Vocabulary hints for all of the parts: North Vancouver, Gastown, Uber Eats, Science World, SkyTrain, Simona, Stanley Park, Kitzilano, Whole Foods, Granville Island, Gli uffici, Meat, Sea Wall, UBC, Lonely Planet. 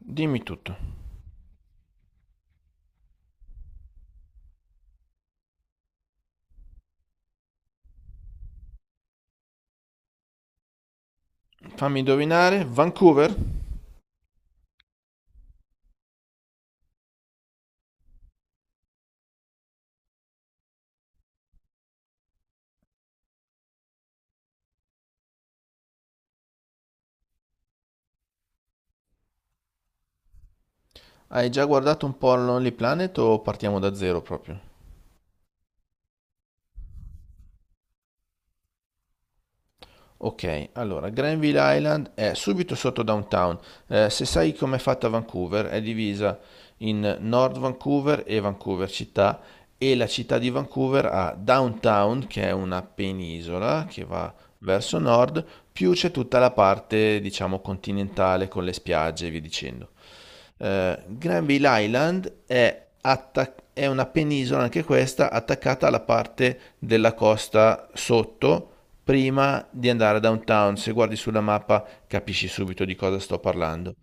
Dimmi tutto. Fammi indovinare, Vancouver? Hai già guardato un po' al Lonely Planet o partiamo da zero proprio? Ok, allora, Granville Island è subito sotto downtown. Se sai com'è fatta Vancouver, è divisa in North Vancouver e Vancouver città e la città di Vancouver ha downtown, che è una penisola che va verso nord, più c'è tutta la parte, diciamo, continentale con le spiagge e via dicendo. Granville Island è, è una penisola, anche questa, attaccata alla parte della costa sotto, prima di andare a downtown. Se guardi sulla mappa capisci subito di cosa sto parlando.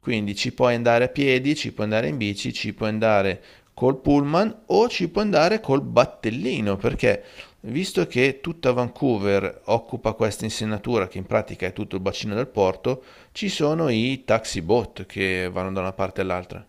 Quindi ci puoi andare a piedi, ci puoi andare in bici, ci puoi andare col pullman o ci puoi andare col battellino, perché visto che tutta Vancouver occupa questa insenatura, che in pratica è tutto il bacino del porto, ci sono i taxi boat che vanno da una parte all'altra.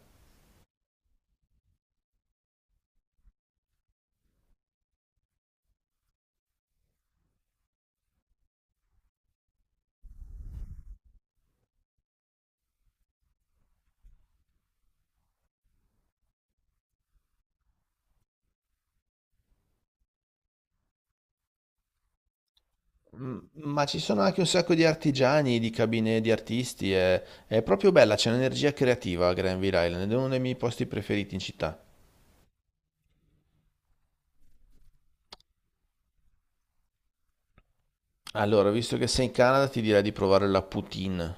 Ma ci sono anche un sacco di artigiani, di cabine di artisti, è proprio bella, c'è un'energia creativa a Granville Island, è uno dei miei posti preferiti in città. Allora, visto che sei in Canada, ti direi di provare la poutine.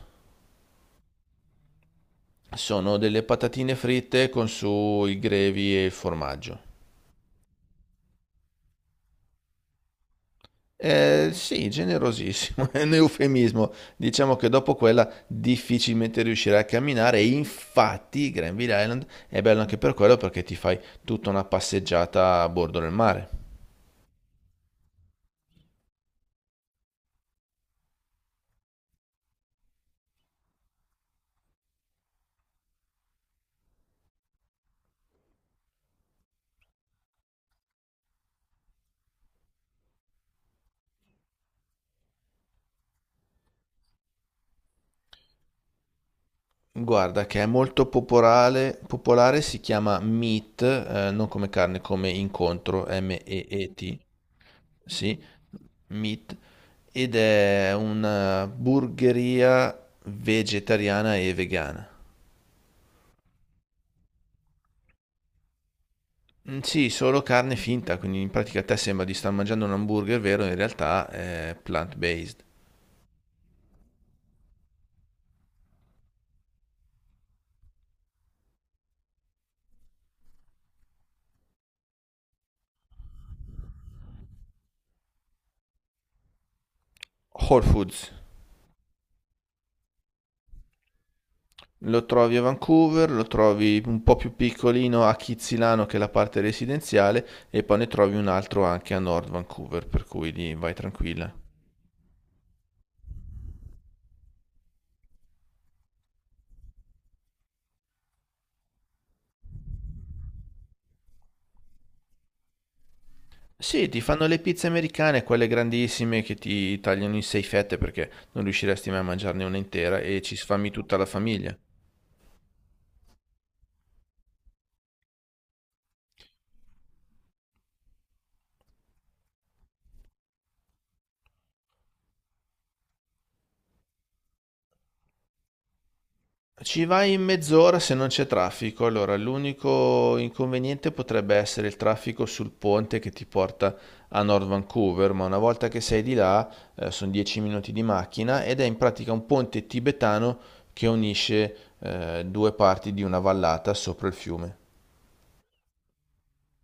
Sono delle patatine fritte con su i grevi e il formaggio. Sì, generosissimo, è un eufemismo. Diciamo che dopo quella difficilmente riuscirai a camminare e infatti Granville Island è bello anche per quello perché ti fai tutta una passeggiata a bordo del mare. Guarda, che è molto popolare, popolare si chiama Meat, non come carne, come incontro, M-E-E-T, sì, Meat, ed è una burgeria vegetariana e vegana. Mm, sì, solo carne finta, quindi in pratica a te sembra di star mangiando un hamburger vero, in realtà è plant-based. Whole Foods. Lo trovi a Vancouver, lo trovi un po' più piccolino a Kitzilano che è la parte residenziale e poi ne trovi un altro anche a North Vancouver, per cui lì vai tranquilla. Sì, ti fanno le pizze americane, quelle grandissime che ti tagliano in sei fette perché non riusciresti mai a mangiarne una intera e ci sfami tutta la famiglia. Ci vai in mezz'ora se non c'è traffico. Allora, l'unico inconveniente potrebbe essere il traffico sul ponte che ti porta a North Vancouver, ma una volta che sei di là, sono 10 minuti di macchina ed è in pratica un ponte tibetano che unisce due parti di una vallata sopra il fiume.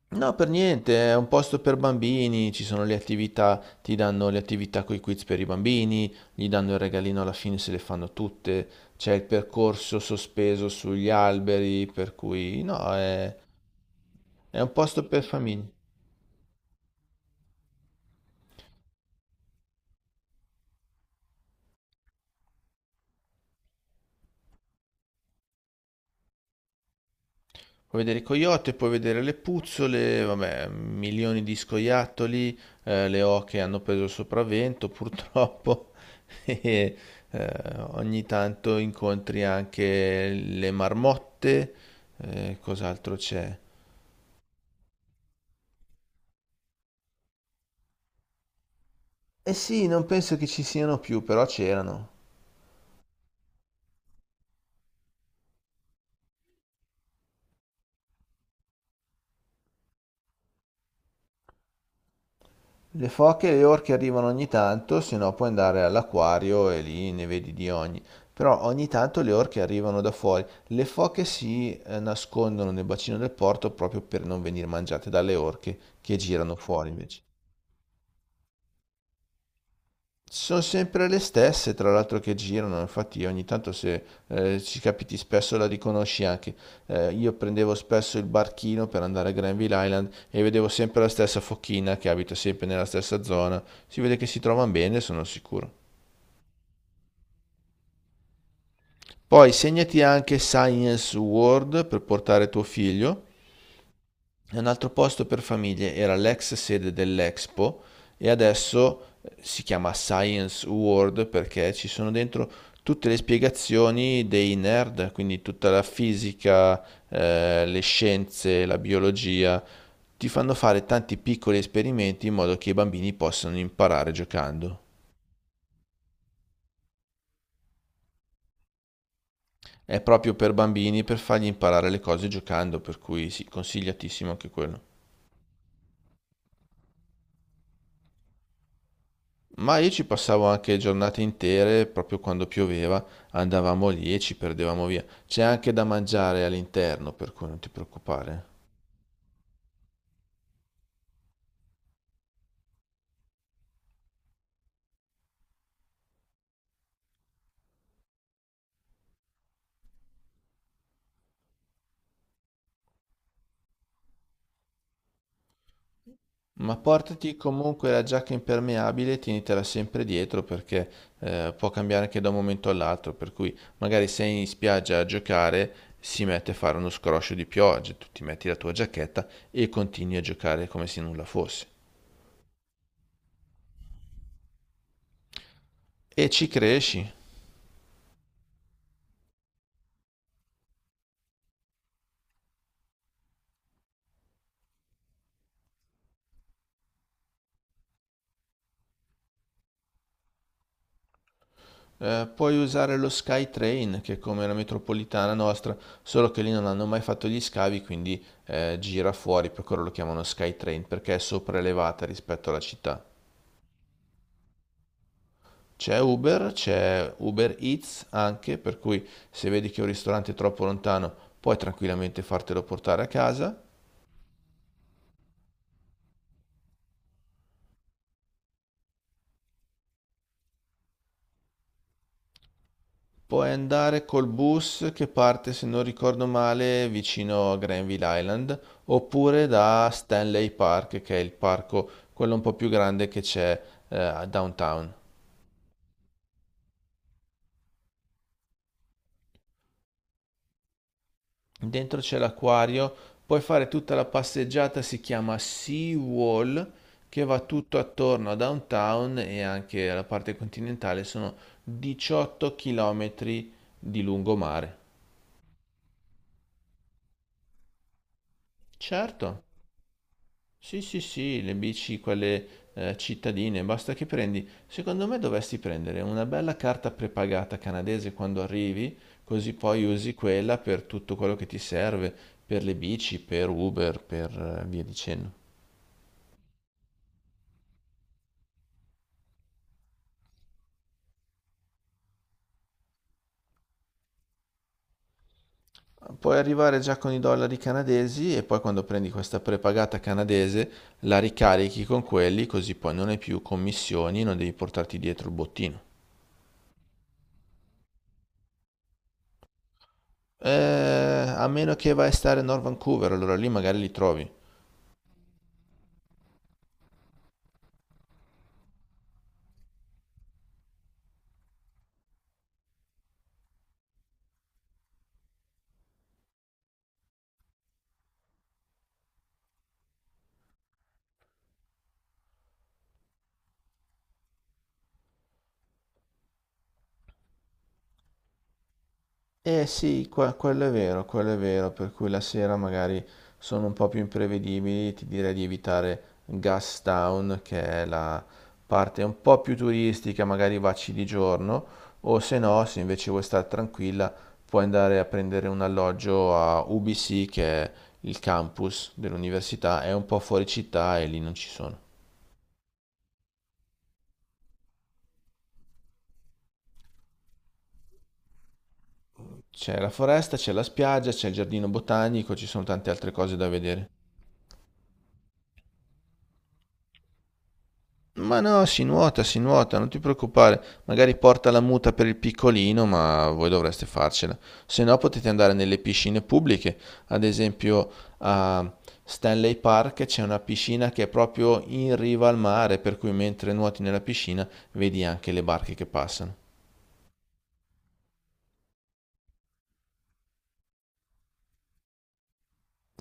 No, per niente, è un posto per bambini, ci sono le attività, ti danno le attività con i quiz per i bambini, gli danno il regalino alla fine se le fanno tutte, c'è il percorso sospeso sugli alberi, per cui no, è un posto per famiglie. Puoi vedere i coyote, puoi vedere le puzzole, vabbè, milioni di scoiattoli, le oche hanno preso il sopravvento purtroppo e eh, ogni tanto incontri anche le marmotte, cos'altro c'è? Eh sì, non penso che ci siano più, però c'erano. Le foche e le orche arrivano ogni tanto, se no puoi andare all'acquario e lì ne vedi di ogni. Però ogni tanto le orche arrivano da fuori. Le foche nascondono nel bacino del porto proprio per non venire mangiate dalle orche che girano fuori invece. Sono sempre le stesse, tra l'altro, che girano, infatti ogni tanto se ci capiti spesso la riconosci anche. Io prendevo spesso il barchino per andare a Granville Island e vedevo sempre la stessa fochina che abita sempre nella stessa zona. Si vede che si trovano bene, sono sicuro. Poi segnati anche Science World per portare tuo figlio. Un altro posto per famiglie era l'ex sede dell'Expo e adesso si chiama Science World perché ci sono dentro tutte le spiegazioni dei nerd, quindi tutta la fisica, le scienze, la biologia. Ti fanno fare tanti piccoli esperimenti in modo che i bambini possano imparare giocando. È proprio per bambini per fargli imparare le cose giocando, per cui sì, consigliatissimo anche quello. Ma io ci passavo anche giornate intere, proprio quando pioveva, andavamo lì e ci perdevamo via. C'è anche da mangiare all'interno, per cui non ti preoccupare. Ma portati comunque la giacca impermeabile, tienitela sempre dietro perché può cambiare anche da un momento all'altro, per cui magari sei in spiaggia a giocare, si mette a fare uno scroscio di pioggia, tu ti metti la tua giacchetta e continui a giocare come se nulla fosse. E ci cresci. Puoi usare lo SkyTrain, che è come la metropolitana nostra, solo che lì non hanno mai fatto gli scavi, quindi gira fuori, per quello lo chiamano SkyTrain, perché è sopraelevata rispetto alla città. C'è Uber Eats anche, per cui se vedi che un ristorante è troppo lontano, puoi tranquillamente fartelo portare a casa. Puoi andare col bus che parte, se non ricordo male, vicino a Granville Island, oppure da Stanley Park, che è il parco, quello un po' più grande che c'è a downtown. Dentro c'è l'acquario, puoi fare tutta la passeggiata, si chiama Sea Wall, che va tutto attorno a downtown e anche alla parte continentale, sono 18 chilometri di lungomare. Certo. Sì, sì, sì, le bici, quelle cittadine, basta che prendi. Secondo me dovresti prendere una bella carta prepagata canadese quando arrivi, così poi usi quella per tutto quello che ti serve, per le bici, per Uber, per via dicendo. Puoi arrivare già con i dollari canadesi e poi quando prendi questa prepagata canadese la ricarichi con quelli, così poi non hai più commissioni, non devi portarti dietro il bottino. A meno che vai a stare a North Vancouver, allora lì magari li trovi. Eh sì, quello è vero, per cui la sera magari sono un po' più imprevedibili, ti direi di evitare Gastown, che è la parte un po' più turistica, magari vacci di giorno, o se no, se invece vuoi stare tranquilla, puoi andare a prendere un alloggio a UBC, che è il campus dell'università, è un po' fuori città e lì non ci sono. C'è la foresta, c'è la spiaggia, c'è il giardino botanico, ci sono tante altre cose da vedere. Ma no, si nuota, non ti preoccupare. Magari porta la muta per il piccolino, ma voi dovreste farcela. Se no potete andare nelle piscine pubbliche. Ad esempio a Stanley Park c'è una piscina che è proprio in riva al mare, per cui mentre nuoti nella piscina vedi anche le barche che passano.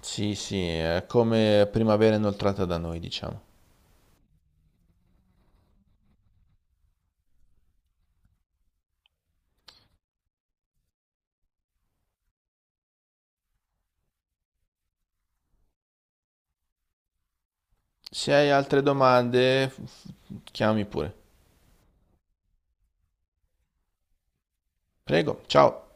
Sì, sì, è come primavera inoltrata da noi, diciamo. Se hai altre domande, chiami pure. Prego, ciao.